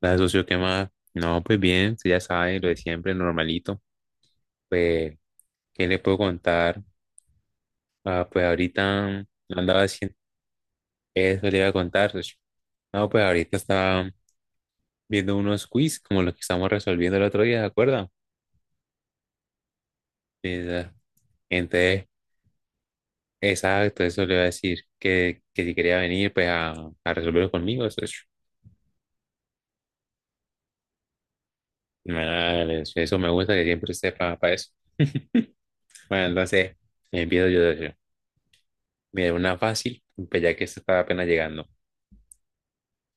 La socio, ¿qué más? No, pues bien, usted ya sabe, lo de siempre, normalito. Pues, ¿qué le puedo contar? Ah, pues ahorita no andaba haciendo eso, le iba a contar, socio. No, pues ahorita estaba viendo unos quiz como los que estamos resolviendo el otro día, ¿de acuerdo? Esa- Entonces, exacto, eso le iba a decir, que si quería venir, pues a resolverlo conmigo, socio. Vale, socio, eso me gusta que siempre esté para eso. Bueno, entonces, empiezo yo, socio. Mira, una fácil, pues ya que esta está apenas llegando.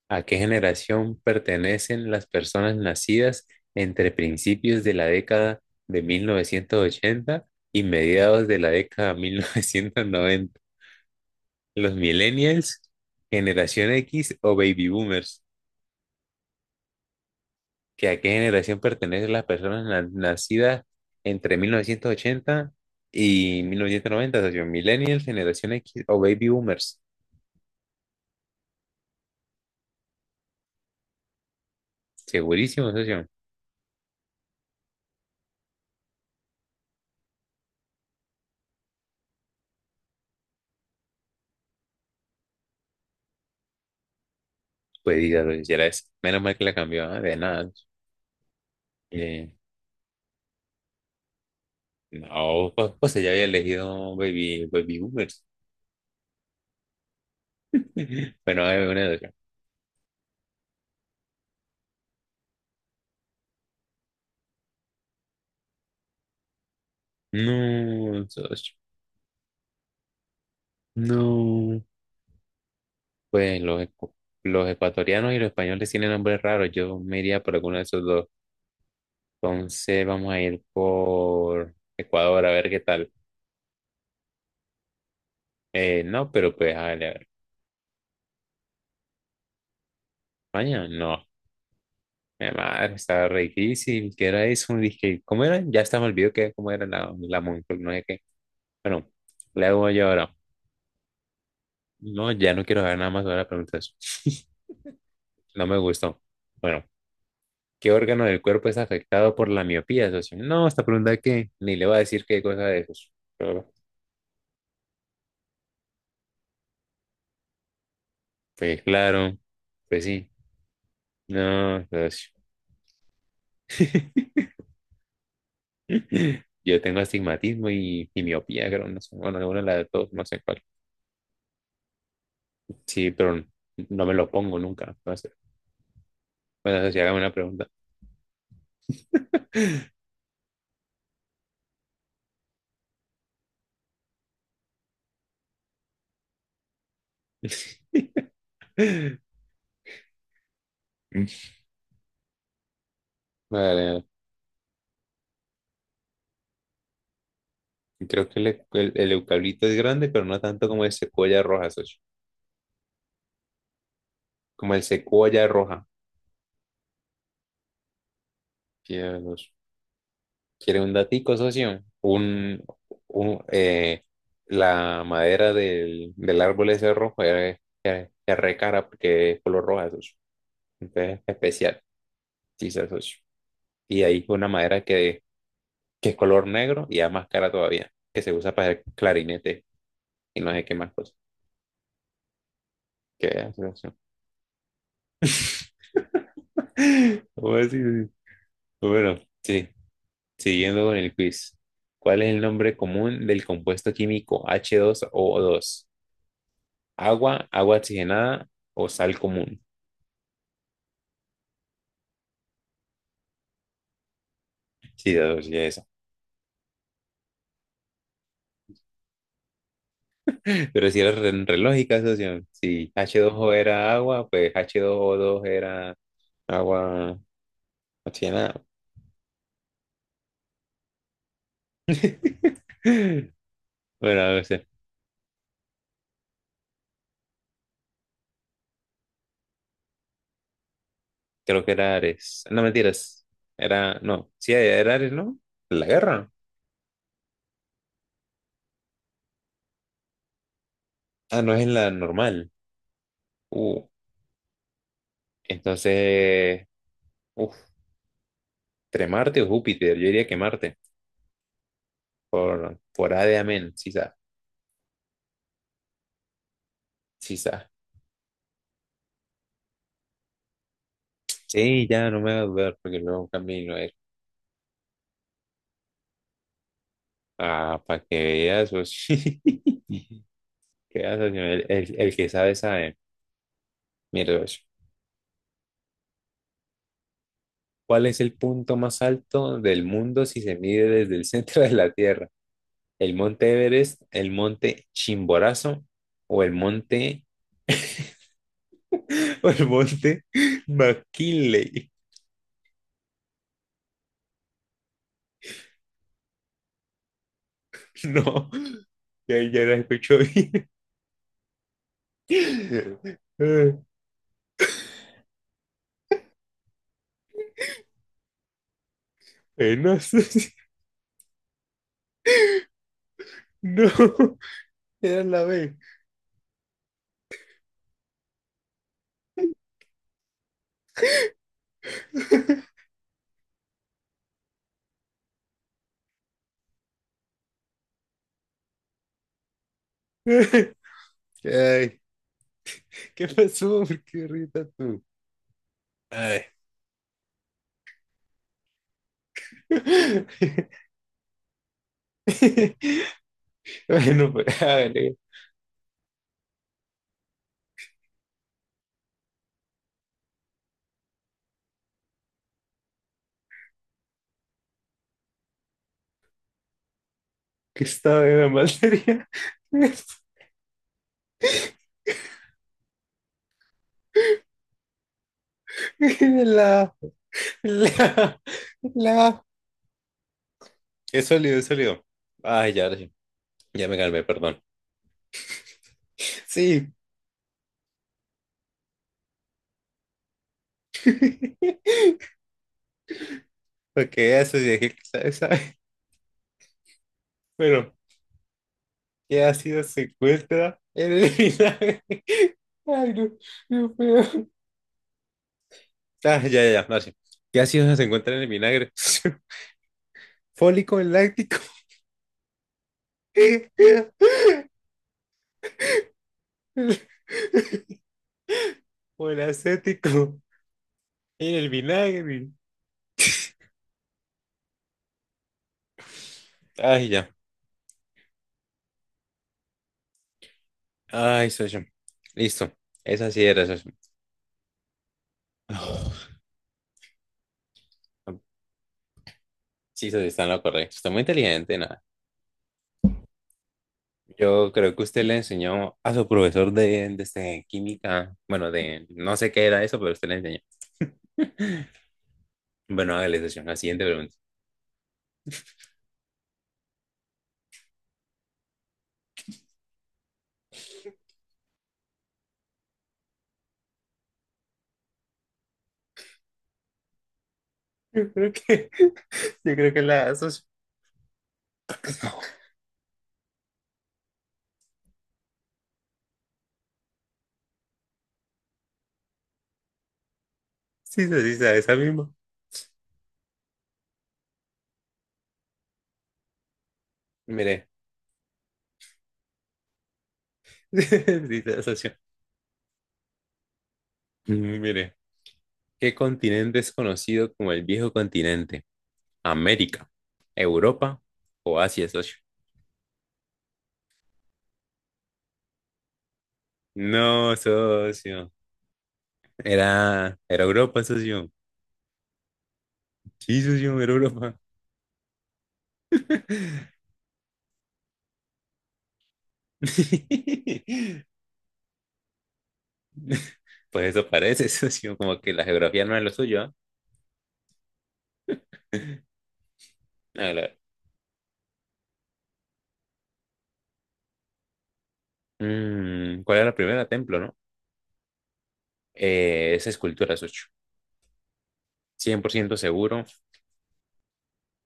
¿A qué generación pertenecen las personas nacidas entre principios de la década de 1980 y mediados de la década de 1990? ¿Los millennials, generación X o baby boomers? ¿Que a qué generación pertenecen las personas nacidas entre 1980 y 1990, socio? ¿Millennials, generación X o baby boomers? Segurísimo, socio. Pues diga, socio, si era eso. Menos mal que la cambió, ¿ah? De nada. Eh, No, pues ella había elegido Baby boomers. Bueno, hay una de acá. No, socio, no. Pues los ecuatorianos y los españoles tienen nombres raros. Yo me iría por alguno de esos dos. Entonces vamos a ir por Ecuador a ver qué tal. No, pero pues a ver, a ver. España, no. Mi madre, estaba re difícil. ¿Qué era eso? Dije, ¿cómo era? Ya hasta me olvidó que cómo era la Moncloa, no sé qué. Bueno, le hago yo ahora. No, ya no quiero saber nada más sobre la pregunta. No me gustó. Bueno, ¿qué órgano del cuerpo es afectado por la miopía, socio? No, esta pregunta que ni le va a decir qué cosa de esos. Pero, pues claro, pues sí. No, socio. Yo tengo astigmatismo y miopía, creo, no sé. Bueno, alguna de las dos, no sé cuál. Sí, pero no me lo pongo nunca. No sé. Bueno, socio, hágame una pregunta. Vale, creo que el eucalipto es grande, pero no tanto como el secuoya roja, socio. Como el secuoya roja. Dios. ¿Quiere un datico, socio? Un, eh, la madera del árbol ese rojo es recara porque es color roja, socio. Entonces, especial, sí, socio. Y ahí una madera que es color negro y es más cara todavía, que se usa para el clarinete y no sé qué más cosas. ¿Qué es eso? ¿Cómo así? Bueno, sí, siguiendo con el quiz, ¿cuál es el nombre común del compuesto químico H2O2? ¿Agua, agua oxigenada o sal común? Sí, ya ya esa. Pero si era re, re lógica, socio. Si H2O era agua, pues H2O2 era agua oxigenada. Bueno, a veces, creo que era Ares. No, mentiras. Era, no, sí, era Ares, ¿no? La guerra. Ah, no es en la normal. Uh, entonces, uff, entre Marte o Júpiter, yo diría que Marte, por A de amén, sí, sa- sí, sa. Sí, ya no me va a dudar, porque luego camino él. Ah, para que veas, socio. Que veas, socio, el que sabe, sabe. Mira, socio, ¿cuál es el punto más alto del mundo si se mide desde el centro de la Tierra? ¿El monte Everest, el monte Chimborazo o el monte, o el monte McKinley? No, ya, ya la escucho bien. No, no, era la B. Ay, ¿qué pasó? ¿Por qué ríes tú? Ay. Bueno, pues, a ver, que estaba en la materia. La, la, la. Es sólido, es sólido. Ay, ya, ahora sí. Ya me calmé, perdón. Sí, porque eso sí, es que sabes sabe. Bueno, que ha sido secuestra en el vinagre. Ay, no, no puedo. Ah, ya, ya, ya, ahora sí. ¿Qué ácidos se encuentran en el vinagre? Fólico, el láctico, o el acético, en el vinagre. Ay, ya. Ay, soy yo. Listo. Esa sí era, socio. Oh, sí, socio, está en lo correcto. Está muy inteligente, nada. Yo creo que usted le enseñó a su profesor de química, bueno, de no sé qué era eso, pero usted le enseñó. Bueno, hágale, socio. La siguiente pregunta. Yo creo que, yo creo que la socio. No. Sí, socio, sí, sabe esa misma. Mire. Sí, sabe, socio. Mire. ¿Qué continente es conocido como el viejo continente? ¿América, Europa o Asia, socio? No, socio. Era Europa, socio. Sí, socio, era Europa. Pues eso parece, socio. Como que la geografía no es lo suyo, ¿ah? A ver, a ver. ¿Cuál era la primera? Templo, ¿no? Es escultura, socio. 100% seguro.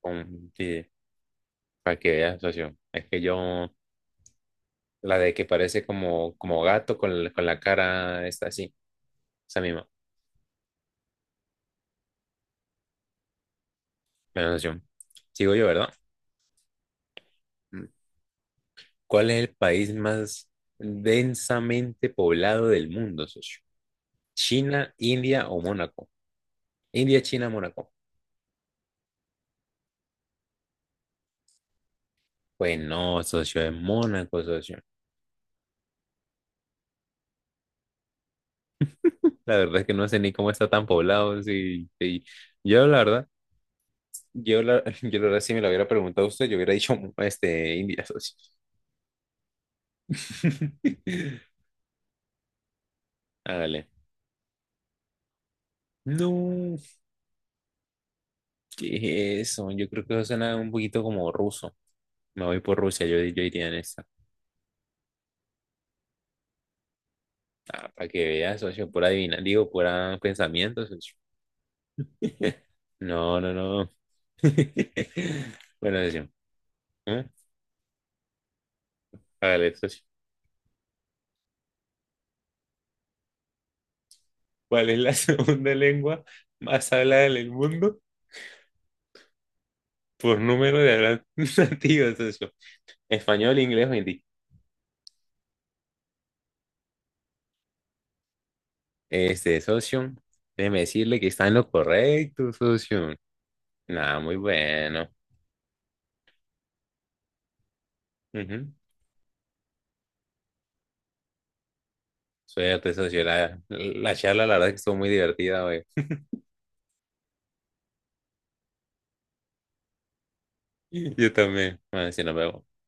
Sí, para que veas, socio. Es que yo, la de que parece como gato con, con la cara, está así, esa misma. Bueno, socio. Sigo yo, ¿verdad? Mm. ¿Cuál es el país más densamente poblado del mundo, socio? ¿China, India o Mónaco? India, China, Mónaco. Pues no, socio, es Mónaco, socio. La verdad es que no sé ni cómo está tan poblado. Sí, sí. Yo, la verdad, yo la verdad, si me lo hubiera preguntado usted, yo hubiera dicho India, socio. Hágale. No, ¿qué es eso? Yo creo que eso suena un poquito como ruso. Me voy por Rusia, yo, iría en esta. Ah, para que veas, socio, por adivinar, digo, por pensamientos, socio. No, no, no. Bueno, socio. ¿Eh? Hágale, socio. ¿Cuál es la segunda lengua más hablada en el mundo por número de hablantes nativos, socio? ¿Español, inglés o hindi? Este, socio, déjeme decirle que está en lo correcto, socio. Nada, muy bueno. Ujú. Suerte, socio. La charla, la verdad, que estuvo muy divertida hoy. Yo también. Bueno, si nos vemos.